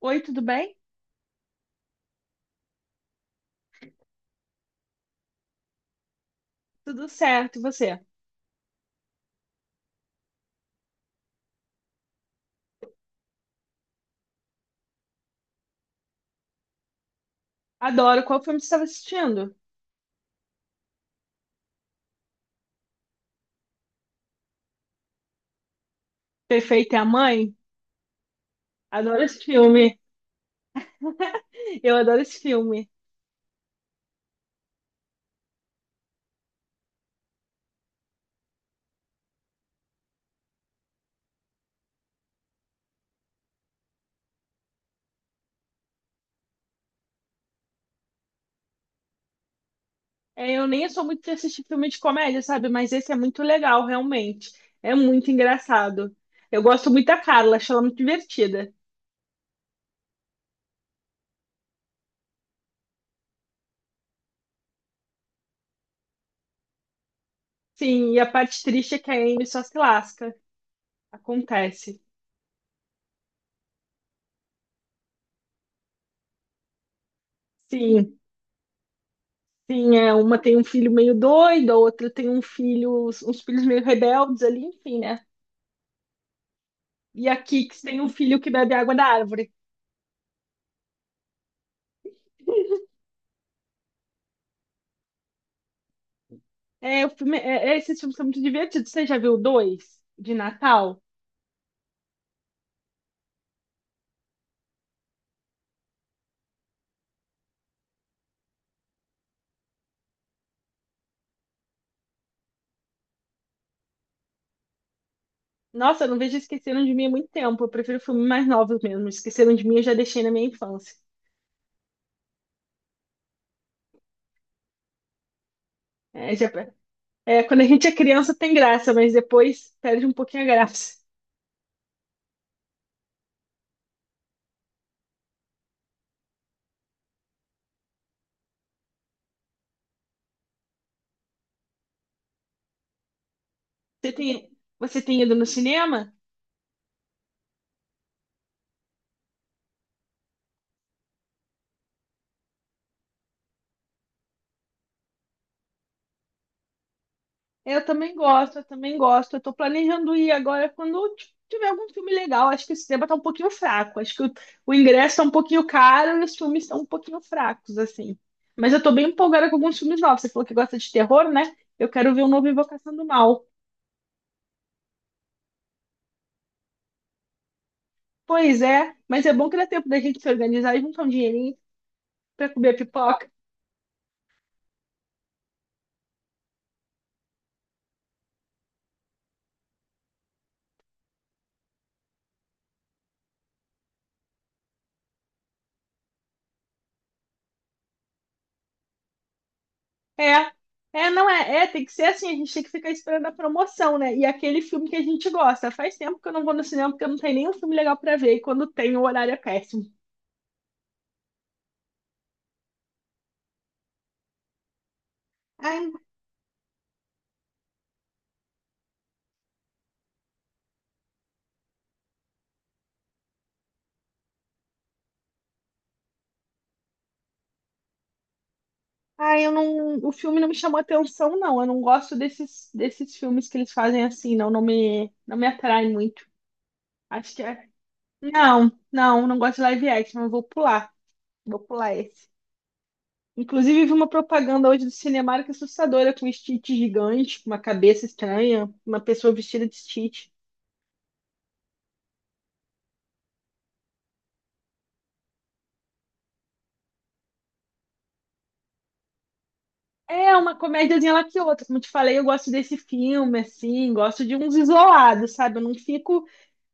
Oi, tudo bem? Tudo certo, e você? Adoro. Qual filme você estava assistindo? Perfeita é a Mãe? Adoro esse filme. Eu adoro esse filme. É, eu nem sou muito de assistir filme de comédia, sabe? Mas esse é muito legal, realmente. É muito engraçado. Eu gosto muito da Carla, acho ela muito divertida. Sim, e a parte triste é que a Amy só se lasca. Acontece. Sim, sim, é, uma tem um filho meio doido, a outra tem um filho, uns filhos meio rebeldes ali, enfim, né? E a Kix tem um filho que bebe água da árvore. É, o filme, é, esses filmes são muito divertidos. Você já viu dois de Natal? Nossa, eu não vejo Esqueceram de Mim há muito tempo. Eu prefiro filmes mais novos mesmo. Esqueceram de Mim eu já deixei na minha infância. É, é, quando a gente é criança tem graça, mas depois perde um pouquinho a graça. Você tem ido no cinema? Eu também gosto, eu também gosto. Eu tô planejando ir agora quando tiver algum filme legal. Acho que esse tema tá um pouquinho fraco. O ingresso tá um pouquinho caro e os filmes estão um pouquinho fracos, assim. Mas eu tô bem empolgada com alguns filmes novos. Você falou que gosta de terror, né? Eu quero ver o novo Invocação do Mal. Pois é, mas é bom que dá tempo da gente se organizar e juntar um dinheirinho pra comer pipoca. É, é, não é, é, tem que ser assim, a gente tem que ficar esperando a promoção, né? E aquele filme que a gente gosta. Faz tempo que eu não vou no cinema porque não tem nenhum filme legal pra ver, e quando tem, o horário é péssimo. Ai, ai, eu não, o filme não me chamou atenção, não. Eu não gosto desses filmes que eles fazem assim, não, não me atrai muito. Acho que é. Não, não, não gosto de live action, eu vou pular. Vou pular esse. Inclusive, vi uma propaganda hoje do Cinemark assustadora com um Stitch gigante, com uma cabeça estranha, uma pessoa vestida de Stitch. É uma comédiazinha lá que outra. Como te falei, eu gosto desse filme, assim, gosto de uns isolados, sabe? Eu não fico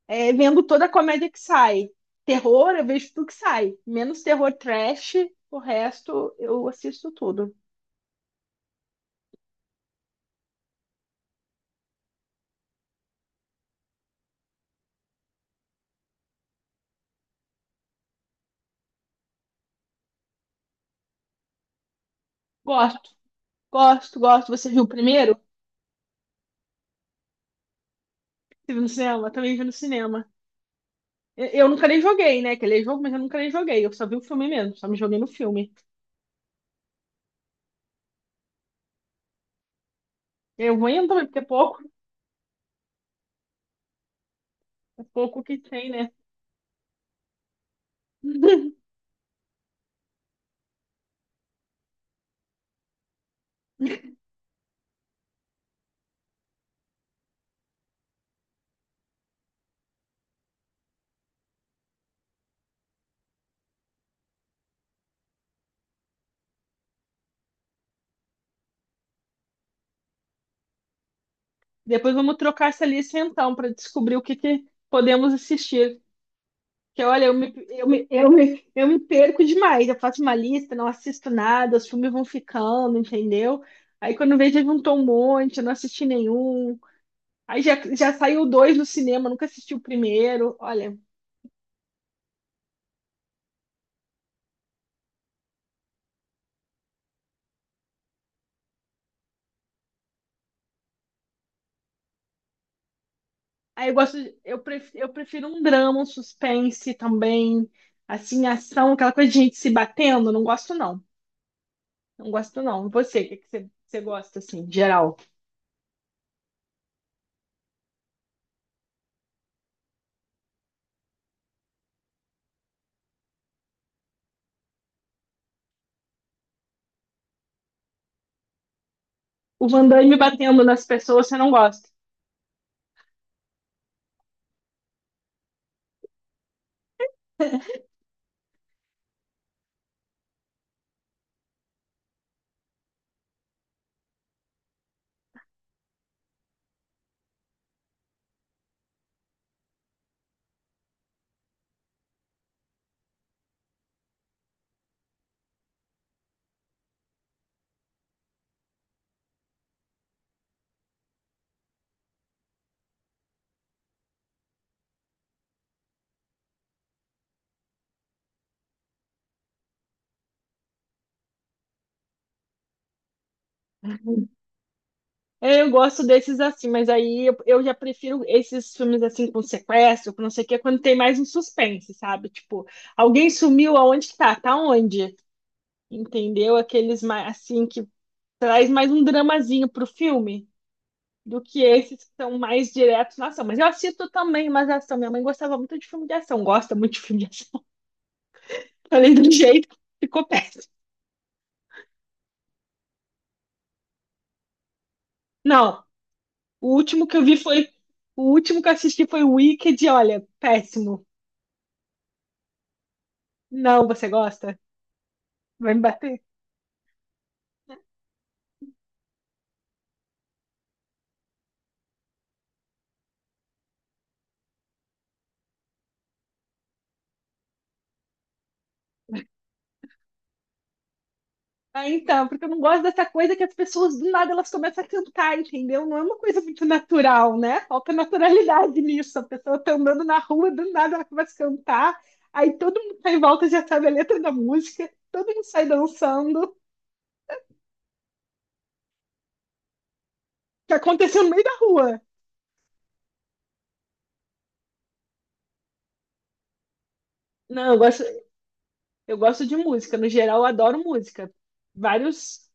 é, vendo toda a comédia que sai. Terror, eu vejo tudo que sai. Menos terror trash, o resto eu assisto tudo. Gosto, gosto, gosto. Você viu o primeiro? Você viu no cinema? Eu também vi no cinema. Eu nunca nem joguei, né? Que aquele jogo, mas eu nunca nem joguei. Eu só vi o filme mesmo, só me joguei no filme. Eu vou indo, porque é pouco que tem, né? Depois vamos trocar essa lista então para descobrir que podemos assistir. Porque olha, eu me perco demais. Eu faço uma lista, não assisto nada, os filmes vão ficando, entendeu? Aí quando vejo, já juntou um monte, eu não assisti nenhum. Já saiu dois no cinema, eu nunca assisti o primeiro. Olha, aí eu gosto, eu prefiro um drama, um suspense também, assim, ação, aquela coisa de gente se batendo, não gosto não. Não gosto não. E você, que você, você gosta assim, geral? O Van Damme batendo nas pessoas, você não gosta. Eu gosto desses assim, mas eu já prefiro esses filmes assim com sequestro, com não sei o quê, quando tem mais um suspense, sabe? Tipo, alguém sumiu, aonde que tá? Tá onde? Entendeu? Aqueles mais assim que traz mais um dramazinho pro filme do que esses que são mais diretos na ação. Mas eu assisto também mais ação. Minha mãe gostava muito de filme de ação, gosta muito de filme de ação. Falei do jeito, ficou péssimo. Não, o último que eu vi foi. O último que eu assisti foi o Wicked, e olha, péssimo. Não, você gosta? Vai me bater? Ah, então, porque eu não gosto dessa coisa que as pessoas do nada elas começam a cantar, entendeu? Não é uma coisa muito natural, né? Falta naturalidade nisso. A pessoa tá andando na rua, do nada ela começa a cantar, aí todo mundo tá em volta já sabe a letra da música, todo mundo sai dançando, que aconteceu no meio da rua. Não, eu gosto. Eu gosto de música, no geral eu adoro música. Vários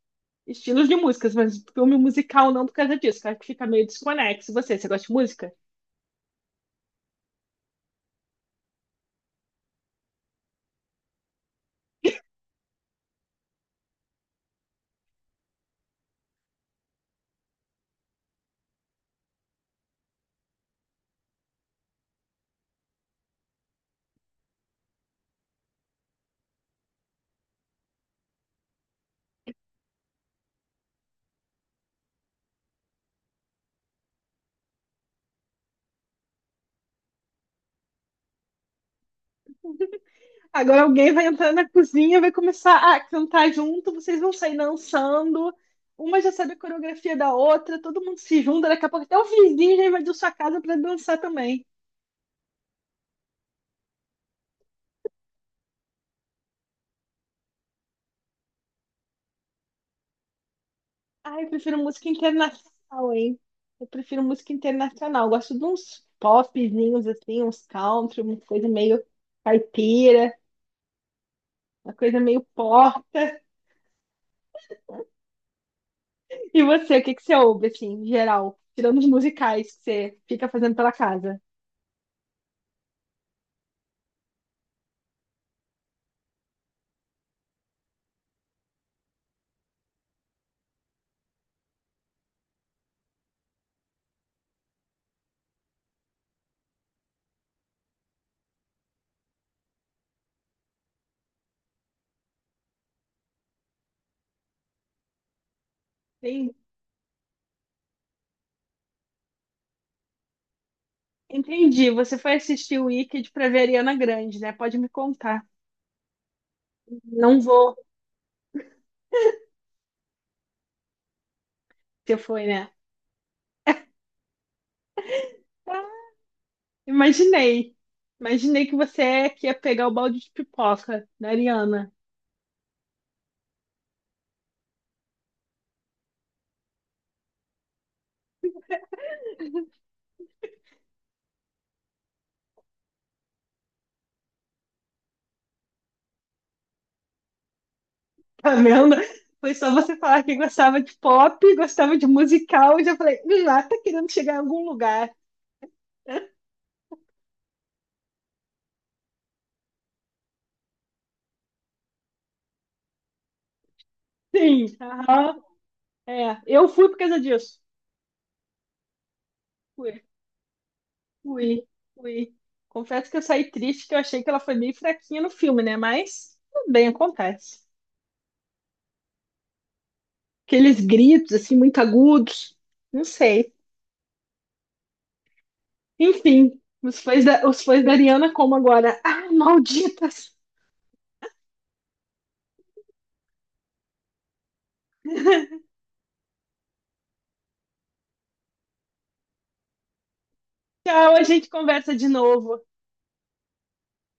estilos de músicas, mas filme musical não por causa disso, que eu acho que fica meio desconexo. Você gosta de música? Agora alguém vai entrar na cozinha, vai começar a cantar junto, vocês vão sair dançando. Uma já sabe a coreografia da outra, todo mundo se junta, daqui a pouco até o vizinho já invadiu sua casa para dançar também. Ai, eu prefiro música internacional, hein? Eu prefiro música internacional. Eu gosto de uns popzinhos assim, uns country, uma coisa meio caipira. Uma coisa meio pó. E você, o que você ouve, assim, em geral? Tirando os musicais que você fica fazendo pela casa. Tem- Entendi. Você foi assistir o Wicked pra ver a Ariana Grande, né? Pode me contar. Não vou. Você foi, né? Ah, imaginei. Imaginei que você é que ia pegar o balde de pipoca da Ariana. Tá vendo? Foi só você falar que gostava de pop, gostava de musical, e já falei, lá tá querendo chegar em algum lugar. Sim. Aham. É. Eu fui por causa disso. Fui, fui. Confesso que eu saí triste, que eu achei que ela foi meio fraquinha no filme, né? Mas tudo bem, acontece. Aqueles gritos, assim, muito agudos. Não sei. Enfim, os fãs da Ariana como agora? Ah, malditas! Tchau, a gente conversa de novo.